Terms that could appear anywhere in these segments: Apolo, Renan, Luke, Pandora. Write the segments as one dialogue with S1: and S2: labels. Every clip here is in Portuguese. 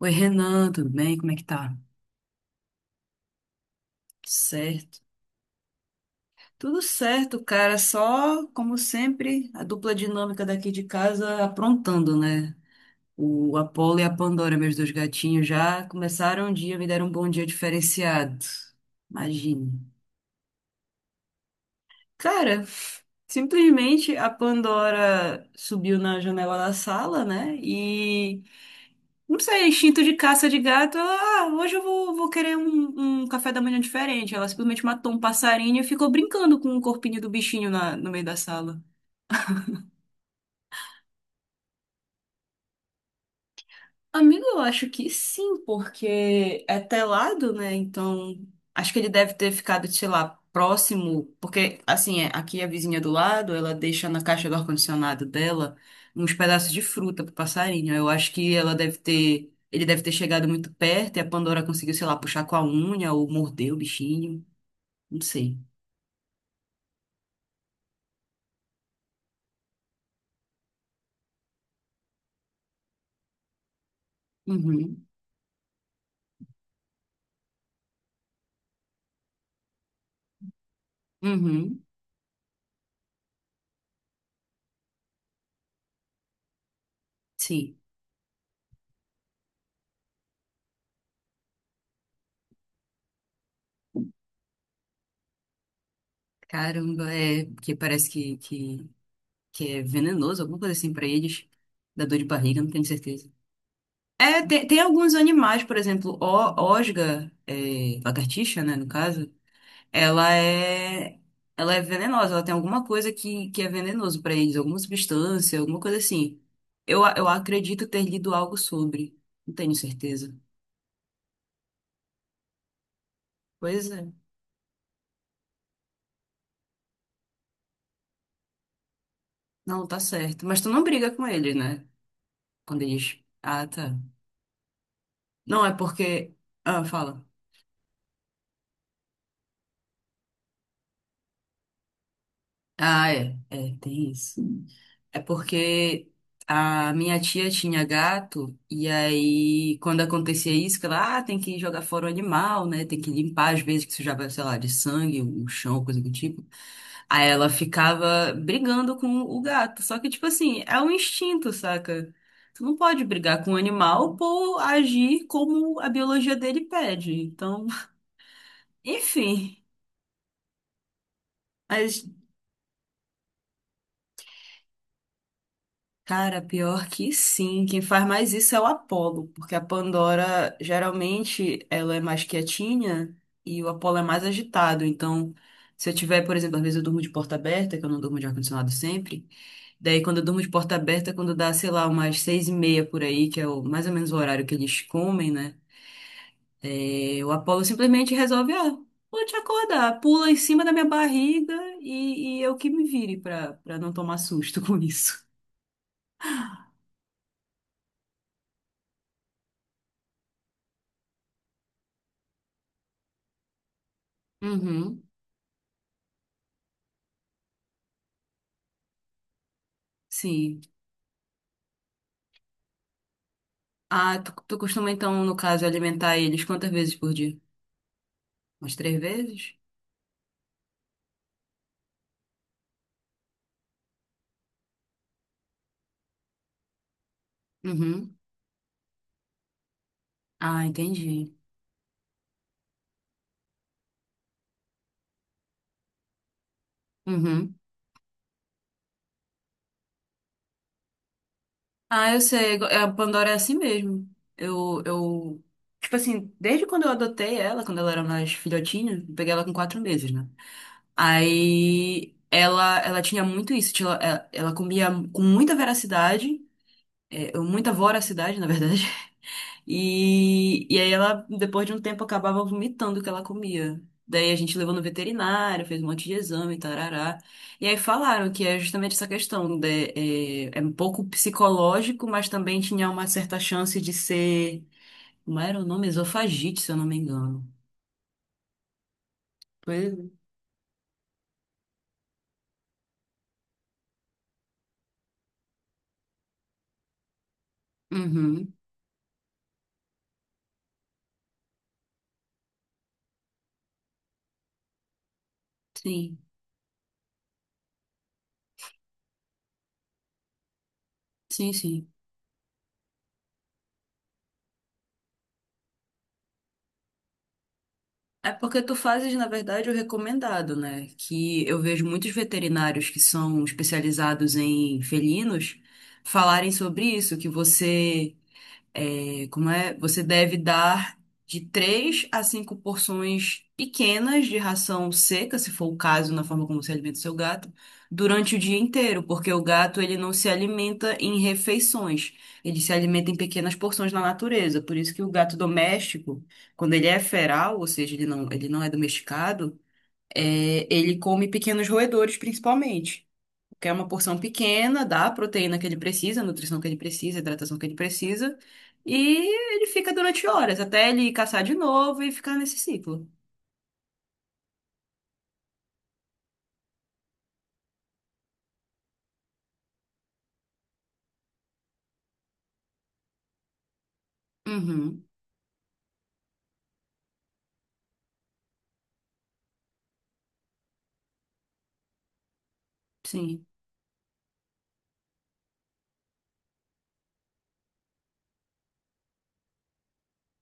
S1: Oi, Renan, tudo bem? Como é que tá? Certo. Tudo certo, cara. Só, como sempre, a dupla dinâmica daqui de casa aprontando, né? O Apolo e a Pandora, meus dois gatinhos, já começaram o dia, me deram um bom dia diferenciado. Imagine. Cara, simplesmente a Pandora subiu na janela da sala, né? E não sei, instinto de caça de gato. Ela, hoje eu vou querer um café da manhã diferente. Ela simplesmente matou um passarinho e ficou brincando com o corpinho do bichinho no meio da sala. Amigo, eu acho que sim, porque é telado, né? Então, acho que ele deve ter ficado, sei lá, próximo, porque, assim, é, aqui é a vizinha do lado, ela deixa na caixa do ar-condicionado dela uns pedaços de fruta pro passarinho. Eu acho que ela deve ter, ele deve ter chegado muito perto e a Pandora conseguiu, sei lá, puxar com a unha ou morder o bichinho, não sei. Uhum, uhum, sim. Caramba, é, porque parece que é venenoso, alguma coisa assim pra eles. Dá dor de barriga, não tenho certeza. É, tem alguns animais, por exemplo, o, osga, é, lagartixa, né, no caso, ela é, ela é venenosa, ela tem alguma coisa que é venenoso pra eles, alguma substância, alguma coisa assim. Eu acredito ter lido algo sobre, não tenho certeza. Pois é, não, tá certo. Mas tu não briga com eles, né? Quando eles... Ah, tá. Não, é porque... Ah, fala. Ah, é, é, tem isso. É porque a minha tia tinha gato, e aí quando acontecia isso, que ela, ah, tem que jogar fora o animal, né? Tem que limpar às vezes que sujava, sei lá, de sangue, o chão, coisa do tipo. Aí ela ficava brigando com o gato. Só que, tipo assim, é um instinto, saca? Tu não pode brigar com o animal por agir como a biologia dele pede. Então, enfim. Mas cara, pior que sim. Quem faz mais isso é o Apolo, porque a Pandora geralmente ela é mais quietinha e o Apolo é mais agitado. Então, se eu tiver, por exemplo, às vezes eu durmo de porta aberta, que eu não durmo de ar-condicionado sempre. Daí, quando eu durmo de porta aberta, quando dá, sei lá, umas seis e meia por aí, que é o, mais ou menos o horário que eles comem, né? É, o Apolo simplesmente resolve, ah, vou te acordar, pula em cima da minha barriga e eu que me vire pra não tomar susto com isso. Uhum. Sim, ah, tu costuma então, no caso, alimentar eles quantas vezes por dia? Umas três vezes? Uhum. Ah, entendi. Uhum. Ah, eu sei. É, a Pandora é assim mesmo. Eu, eu, tipo assim, desde quando eu adotei ela, quando ela era mais filhotinha, eu peguei ela com quatro meses, né? Aí ela tinha muito isso. Tinha, ela comia com muita veracidade, é, muita voracidade, na verdade. E aí ela, depois de um tempo, acabava vomitando o que ela comia. Daí a gente levou no veterinário, fez um monte de exame, tarará. E aí falaram que é justamente essa questão, de, é, é um pouco psicológico, mas também tinha uma certa chance de ser, como era o nome? Esofagite, se eu não me engano. Foi? Uhum, sim, sim, sim. É porque tu fazes, na verdade, o recomendado, né? Que eu vejo muitos veterinários que são especializados em felinos falarem sobre isso, que você e como é? Você deve dar de três a cinco porções pequenas de ração seca, se for o caso, na forma como você alimenta o seu gato, durante o dia inteiro, porque o gato ele não se alimenta em refeições, ele se alimenta em pequenas porções na natureza. Por isso que o gato doméstico, quando ele é feral, ou seja, ele não é domesticado, é, ele come pequenos roedores principalmente que é uma porção pequena da proteína que ele precisa, nutrição que ele precisa, hidratação que ele precisa, e ele fica durante horas, até ele caçar de novo e ficar nesse ciclo. Uhum, sim.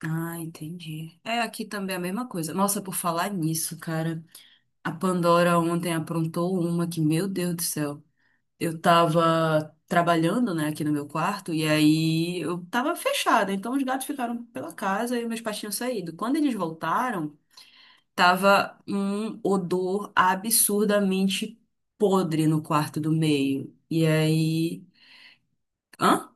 S1: Ah, entendi. É, aqui também é a mesma coisa. Nossa, por falar nisso, cara, a Pandora ontem aprontou uma que, meu Deus do céu. Eu tava trabalhando, né, aqui no meu quarto, e aí eu tava fechada, então os gatos ficaram pela casa e meus patinhos saíram. Quando eles voltaram, tava um odor absurdamente podre no quarto do meio. E aí. Hã?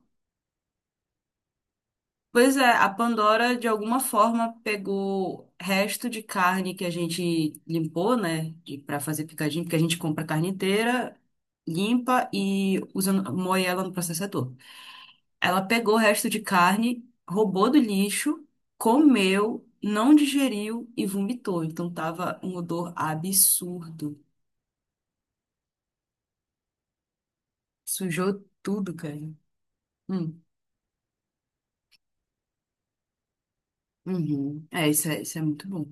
S1: Pois é, a Pandora de alguma forma pegou resto de carne que a gente limpou, né? De, pra fazer picadinho, porque a gente compra carne inteira, limpa e usa, moe ela no processador. Ela pegou o resto de carne, roubou do lixo, comeu, não digeriu e vomitou. Então tava um odor absurdo. Sujou tudo, cara. Hum. Uhum. É, isso é muito bom.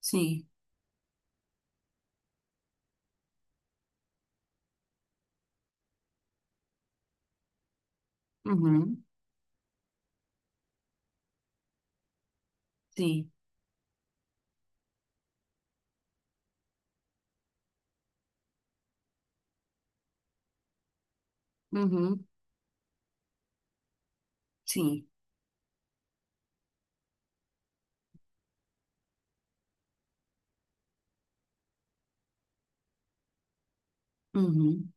S1: Sim. Uhum. Sim. Uhum. Sim. Uhum.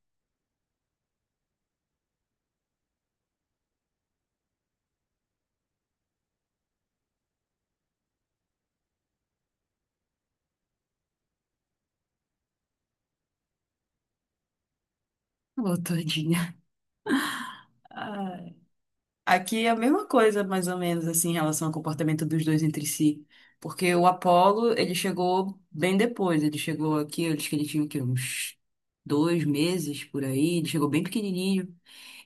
S1: Ô, todinha. Ai. Aqui é a mesma coisa, mais ou menos, assim, em relação ao comportamento dos dois entre si. Porque o Apollo ele chegou bem depois. Ele chegou aqui, eu acho que ele tinha o quê? Uns dois meses por aí. Ele chegou bem pequenininho.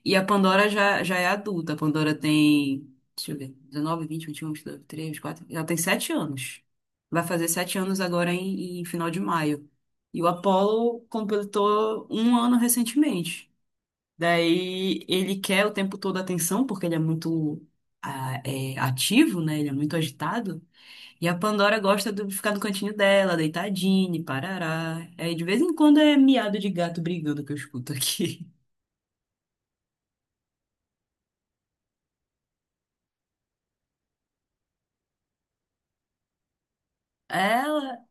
S1: E a Pandora já é adulta. A Pandora tem, deixa eu ver, 19, 20, 21, 22, 23, quatro. Ela tem 7 anos. Vai fazer 7 anos agora em final de maio. E o Apollo completou um ano recentemente. Daí ele quer o tempo todo atenção, porque ele é muito ah, é, ativo, né? Ele é muito agitado. E a Pandora gosta de ficar no cantinho dela, deitadinha, parará. Aí de vez em quando é miado de gato brigando que eu escuto aqui. Ela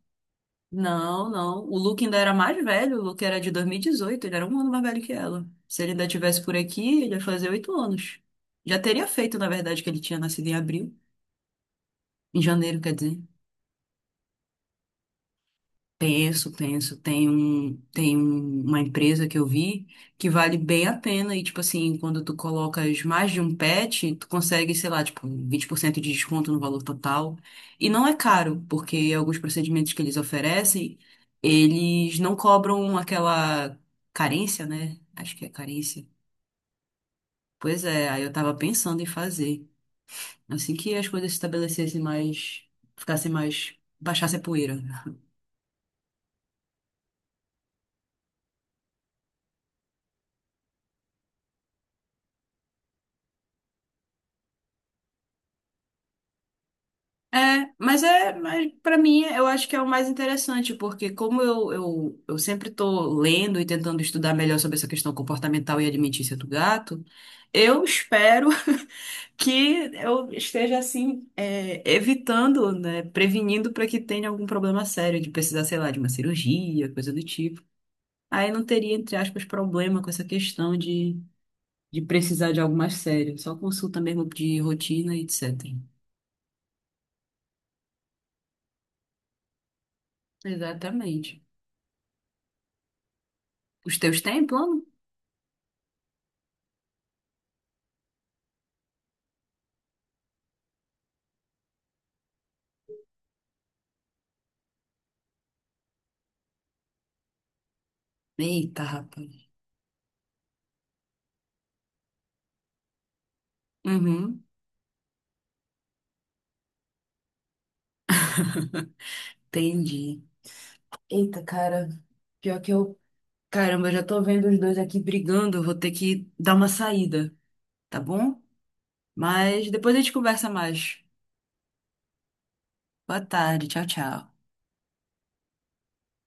S1: não, não. O Luke ainda era mais velho. O Luke era de 2018. Ele era um ano mais velho que ela. Se ele ainda tivesse por aqui, ele ia fazer 8 anos. Já teria feito, na verdade, que ele tinha nascido em abril. Em janeiro, quer dizer. Penso, penso. Tem um, uma empresa que eu vi que vale bem a pena. E, tipo assim, quando tu colocas mais de um pet, tu consegue, sei lá, tipo, 20% de desconto no valor total. E não é caro, porque alguns procedimentos que eles oferecem, eles não cobram aquela carência, né? Acho que é carência. Pois é, aí eu tava pensando em fazer. Assim que as coisas se estabelecessem mais, ficassem mais, baixasse a poeira. É, mas para mim eu acho que é o mais interessante, porque como eu sempre estou lendo e tentando estudar melhor sobre essa questão comportamental e alimentícia do gato, eu espero que eu esteja assim, é, evitando, né, prevenindo para que tenha algum problema sério de precisar, sei lá, de uma cirurgia, coisa do tipo. Aí não teria, entre aspas, problema com essa questão de precisar de algo mais sério, só consulta mesmo de rotina e etc. Exatamente. Os teus têm plano? Eita, rapaz. Uhum, entendi. Eita, cara. Pior que eu. Caramba, eu já tô vendo os dois aqui brigando. Vou ter que dar uma saída, tá bom? Mas depois a gente conversa mais. Boa tarde. Tchau, tchau.